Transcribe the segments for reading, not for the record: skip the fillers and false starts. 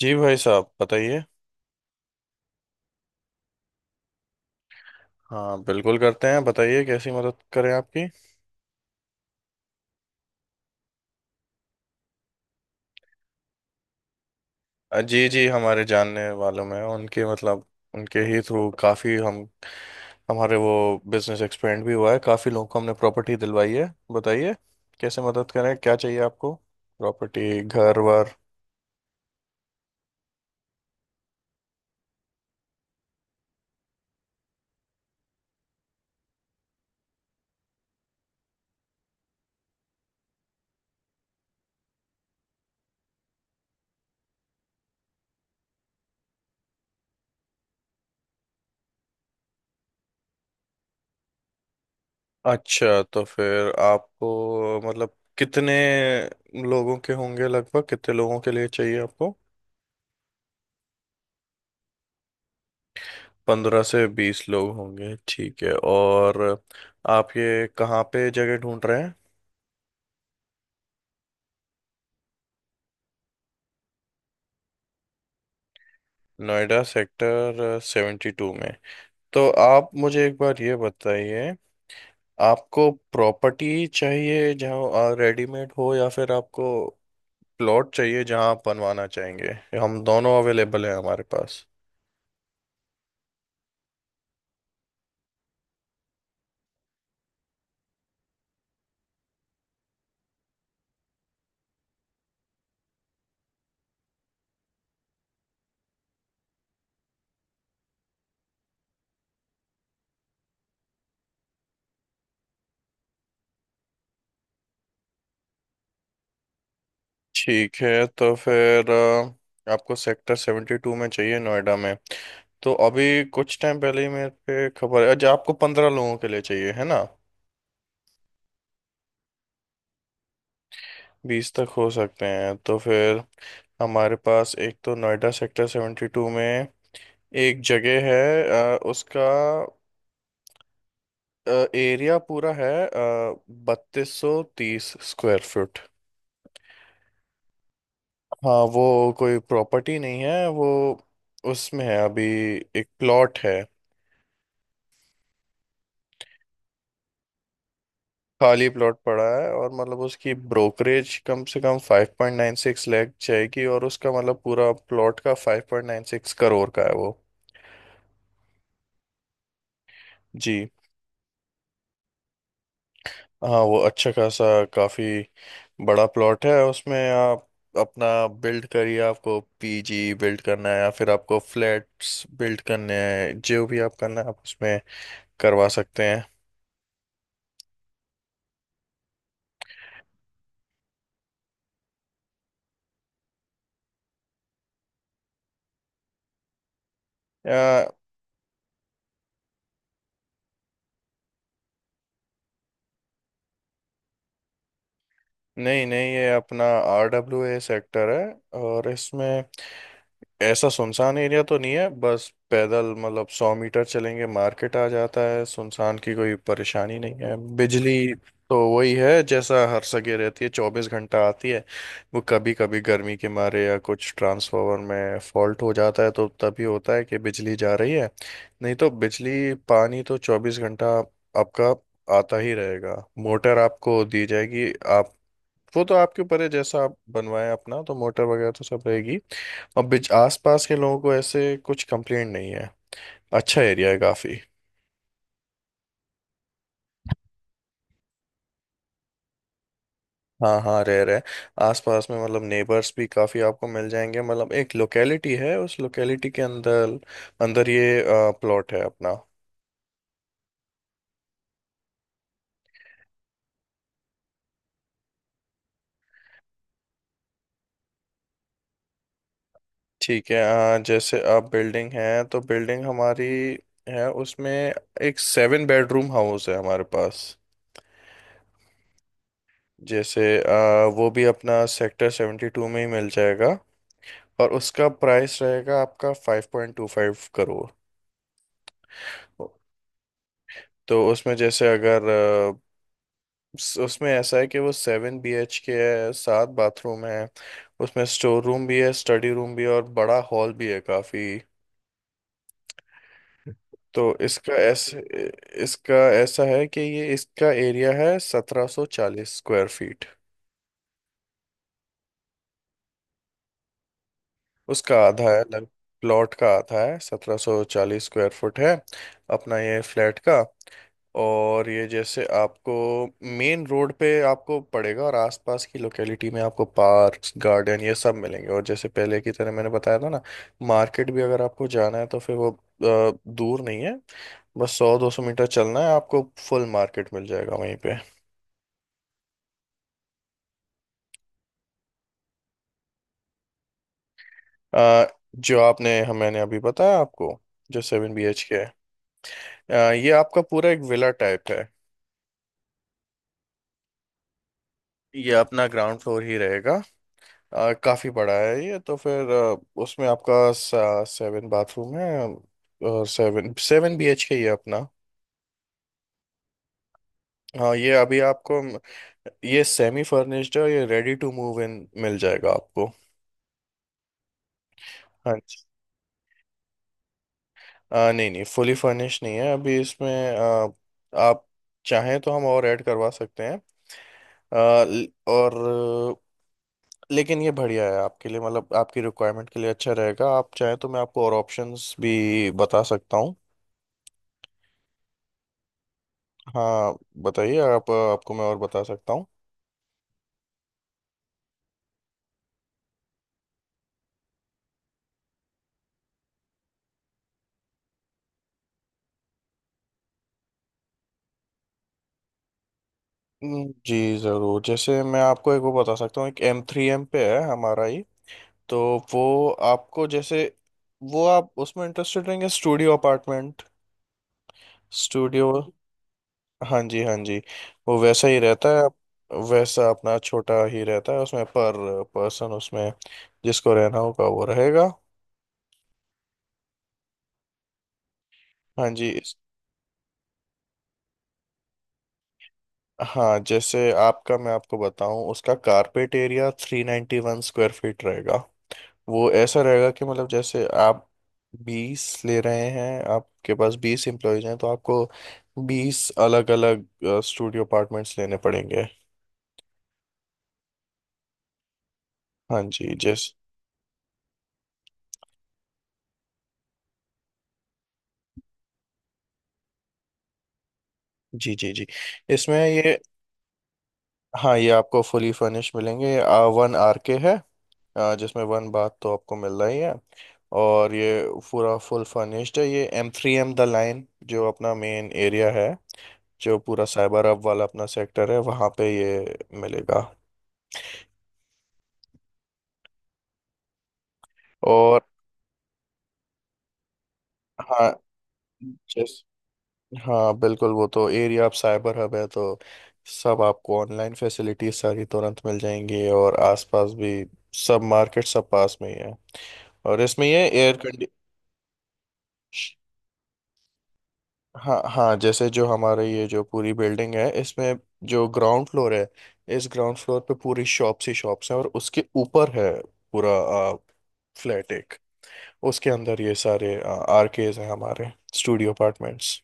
जी भाई साहब बताइए। हाँ बिल्कुल करते हैं बताइए कैसी मदद करें आपकी। जी जी हमारे जानने वालों में उनके मतलब उनके ही थ्रू काफ़ी हम हमारे वो बिजनेस एक्सपेंड भी हुआ है काफ़ी लोगों को हमने प्रॉपर्टी दिलवाई है। बताइए कैसे मदद करें क्या चाहिए आपको प्रॉपर्टी घर वर। अच्छा तो फिर आपको मतलब कितने लोगों के होंगे लगभग कितने लोगों के लिए चाहिए आपको। 15 से 20 लोग होंगे ठीक है और आप ये कहाँ पे जगह ढूंढ रहे हैं। नोएडा सेक्टर 72 में। तो आप मुझे एक बार ये बताइए आपको प्रॉपर्टी चाहिए जहाँ रेडीमेड हो या फिर आपको प्लॉट चाहिए जहाँ आप बनवाना चाहेंगे। हम दोनों अवेलेबल हैं हमारे पास। ठीक है तो फिर आपको सेक्टर 72 में चाहिए नोएडा में। तो अभी कुछ टाइम पहले ही मेरे पे खबर है। अच्छा आपको 15 लोगों के लिए चाहिए है ना। 20 तक हो सकते हैं तो फिर हमारे पास एक तो नोएडा सेक्टर सेवेंटी टू में एक जगह है उसका एरिया पूरा है 3230 स्क्वायर फुट। हाँ वो कोई प्रॉपर्टी नहीं है वो उसमें है अभी एक प्लॉट है। खाली प्लॉट पड़ा है और मतलब उसकी ब्रोकरेज कम से कम 5.96 लैख जाएगी और उसका मतलब पूरा प्लॉट का 5.96 करोड़ का है वो। जी हाँ वो अच्छा खासा काफी बड़ा प्लॉट है उसमें आप अपना बिल्ड करिए आपको पीजी बिल्ड करना है या फिर आपको फ्लैट्स बिल्ड करने हैं जो भी आप करना है आप उसमें करवा सकते हैं। या नहीं नहीं ये अपना आरडब्ल्यूए सेक्टर है और इसमें ऐसा सुनसान एरिया तो नहीं है। बस पैदल मतलब 100 मीटर चलेंगे मार्केट आ जाता है। सुनसान की कोई परेशानी नहीं है। बिजली तो वही है जैसा हर जगह रहती है 24 घंटा आती है। वो कभी कभी गर्मी के मारे या कुछ ट्रांसफार्मर में फॉल्ट हो जाता है तो तभी होता है कि बिजली जा रही है। नहीं तो बिजली पानी तो 24 घंटा आपका आता ही रहेगा। मोटर आपको दी जाएगी आप वो तो आपके ऊपर है जैसा आप बनवाएं अपना तो मोटर वगैरह तो सब रहेगी। और बिच आसपास के लोगों को ऐसे कुछ कंप्लेंट नहीं है। अच्छा एरिया है काफ़ी। हाँ हाँ रह रहे आसपास में मतलब नेबर्स भी काफ़ी आपको मिल जाएंगे। मतलब एक लोकेलिटी है उस लोकेलिटी के अंदर अंदर ये प्लॉट है अपना। ठीक है जैसे आप बिल्डिंग है तो बिल्डिंग हमारी है उसमें एक 7 बेडरूम हाउस है हमारे पास। जैसे वो भी अपना सेक्टर 72 में ही मिल जाएगा और उसका प्राइस रहेगा आपका 5.25 करोड़। तो उसमें जैसे अगर उसमें ऐसा है कि वो 7 बी एच के है 7 बाथरूम है उसमें स्टोर रूम भी है स्टडी रूम भी है और बड़ा हॉल भी है काफी। तो इसका ऐसे इसका ऐसा है कि ये इसका एरिया है 1740 स्क्वायर फीट। उसका आधा है लग प्लॉट का आधा है 1740 स्क्वायर फुट है अपना ये फ्लैट का। और ये जैसे आपको मेन रोड पे आपको पड़ेगा और आसपास की लोकेलिटी में आपको पार्क्स गार्डन ये सब मिलेंगे। और जैसे पहले की तरह मैंने बताया था ना मार्केट भी अगर आपको जाना है तो फिर वो दूर नहीं है। बस 100 200 मीटर चलना है आपको। फुल मार्केट मिल जाएगा वहीं पे। अ, जो आपने हम मैंने अभी बताया आपको जो 7 बी एच के है ये आपका पूरा एक विला टाइप है। ये अपना ग्राउंड फ्लोर ही रहेगा काफी बड़ा है ये तो फिर उसमें आपका 7 बाथरूम है और seven seven B H K ही है अपना। हाँ ये अभी आपको ये सेमी फर्निश्ड है और ये रेडी टू मूव इन मिल जाएगा आपको। हाँ जी नहीं नहीं फुली फर्निश नहीं है अभी इसमें। आ, आप चाहें तो हम और ऐड करवा सकते हैं आ, ल- और लेकिन ये बढ़िया है आपके लिए मतलब आपकी रिक्वायरमेंट के लिए अच्छा रहेगा आप चाहें तो मैं आपको और ऑप्शंस भी बता सकता हूँ। हाँ बताइए आप आपको मैं और बता सकता हूँ। जी ज़रूर जैसे मैं आपको एक वो बता सकता हूँ एक एम थ्री एम पे है हमारा ही। तो वो आपको जैसे वो आप उसमें इंटरेस्टेड रहेंगे स्टूडियो अपार्टमेंट स्टूडियो। हाँ जी हाँ जी वो वैसा ही रहता है। वैसा अपना छोटा ही रहता है उसमें पर पर्सन उसमें जिसको रहना होगा वो रहेगा। हाँ जी हाँ जैसे आपका मैं आपको बताऊं उसका कारपेट एरिया 391 स्क्वायर फीट रहेगा। वो ऐसा रहेगा कि मतलब जैसे आप 20 ले रहे हैं आपके पास 20 एम्प्लॉयज हैं तो आपको 20 अलग अलग स्टूडियो अपार्टमेंट्स लेने पड़ेंगे। हाँ जी जैस जी जी जी इसमें ये। हाँ ये आपको फुली फर्निश मिलेंगे। 1 आर के है जिसमें 1 बाथ तो आपको मिल रही है। और ये पूरा फुल फर्निश्ड है ये M three M the line जो अपना मेन एरिया है जो पूरा साइबर हब वाला अपना सेक्टर है वहाँ पे ये मिलेगा। और हाँ जैस हाँ बिल्कुल वो तो एरिया आप साइबर हब है तो सब आपको ऑनलाइन फैसिलिटीज सारी तुरंत मिल जाएंगी और आसपास भी सब मार्केट सब पास में ही है। और इसमें ये एयर कंडी हाँ हाँ जैसे जो हमारे ये जो पूरी बिल्डिंग है इसमें जो ग्राउंड फ्लोर है इस ग्राउंड फ्लोर पे पूरी शॉप्स ही शॉप्स हैं और उसके ऊपर है पूरा फ्लैट एक उसके अंदर ये सारे आरकेज हैं हमारे स्टूडियो अपार्टमेंट्स।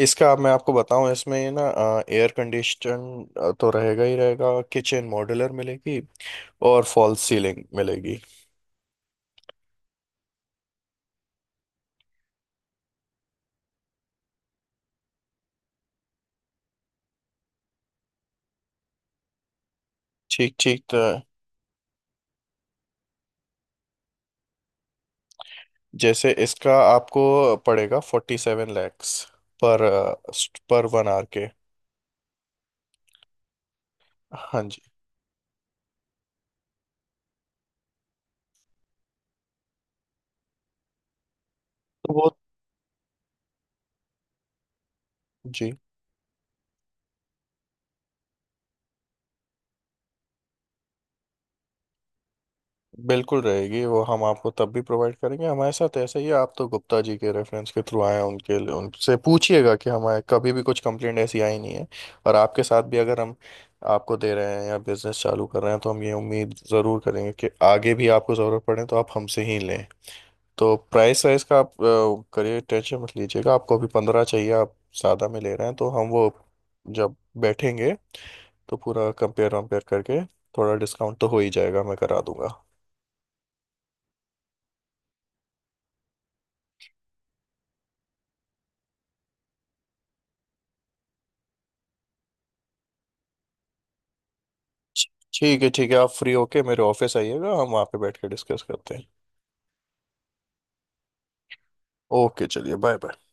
इसका आप मैं आपको बताऊं इसमें ना एयर कंडीशन तो रहेगा ही रहेगा। किचन मॉड्यूलर मिलेगी और फॉल्स सीलिंग मिलेगी। ठीक ठीक तो जैसे इसका आपको पड़ेगा 47 लैक्स पर पर 1 आर के। हाँ जी तो वो जी बिल्कुल रहेगी वो हम आपको तब भी प्रोवाइड करेंगे। हमारे साथ ऐसा ही है आप तो गुप्ता जी के रेफरेंस के थ्रू आए हैं, उनके लिए उनसे पूछिएगा कि हमारे कभी भी कुछ कंप्लेंट ऐसी आई नहीं है। और आपके साथ भी अगर हम आपको दे रहे हैं या बिजनेस चालू कर रहे हैं तो हम ये उम्मीद ज़रूर करेंगे कि आगे भी आपको ज़रूरत पड़े तो आप हमसे ही लें। तो प्राइस वाइज का आप करिए टेंशन मत लीजिएगा। आपको अभी 15 चाहिए आप सादा में ले रहे हैं तो हम वो जब बैठेंगे तो पूरा कंपेयर वम्पेयर करके थोड़ा डिस्काउंट तो हो ही जाएगा मैं करा दूंगा। ठीक है आप फ्री होके मेरे ऑफिस आइएगा हम वहाँ पे बैठ के डिस्कस करते हैं। ओके चलिए बाय बाय।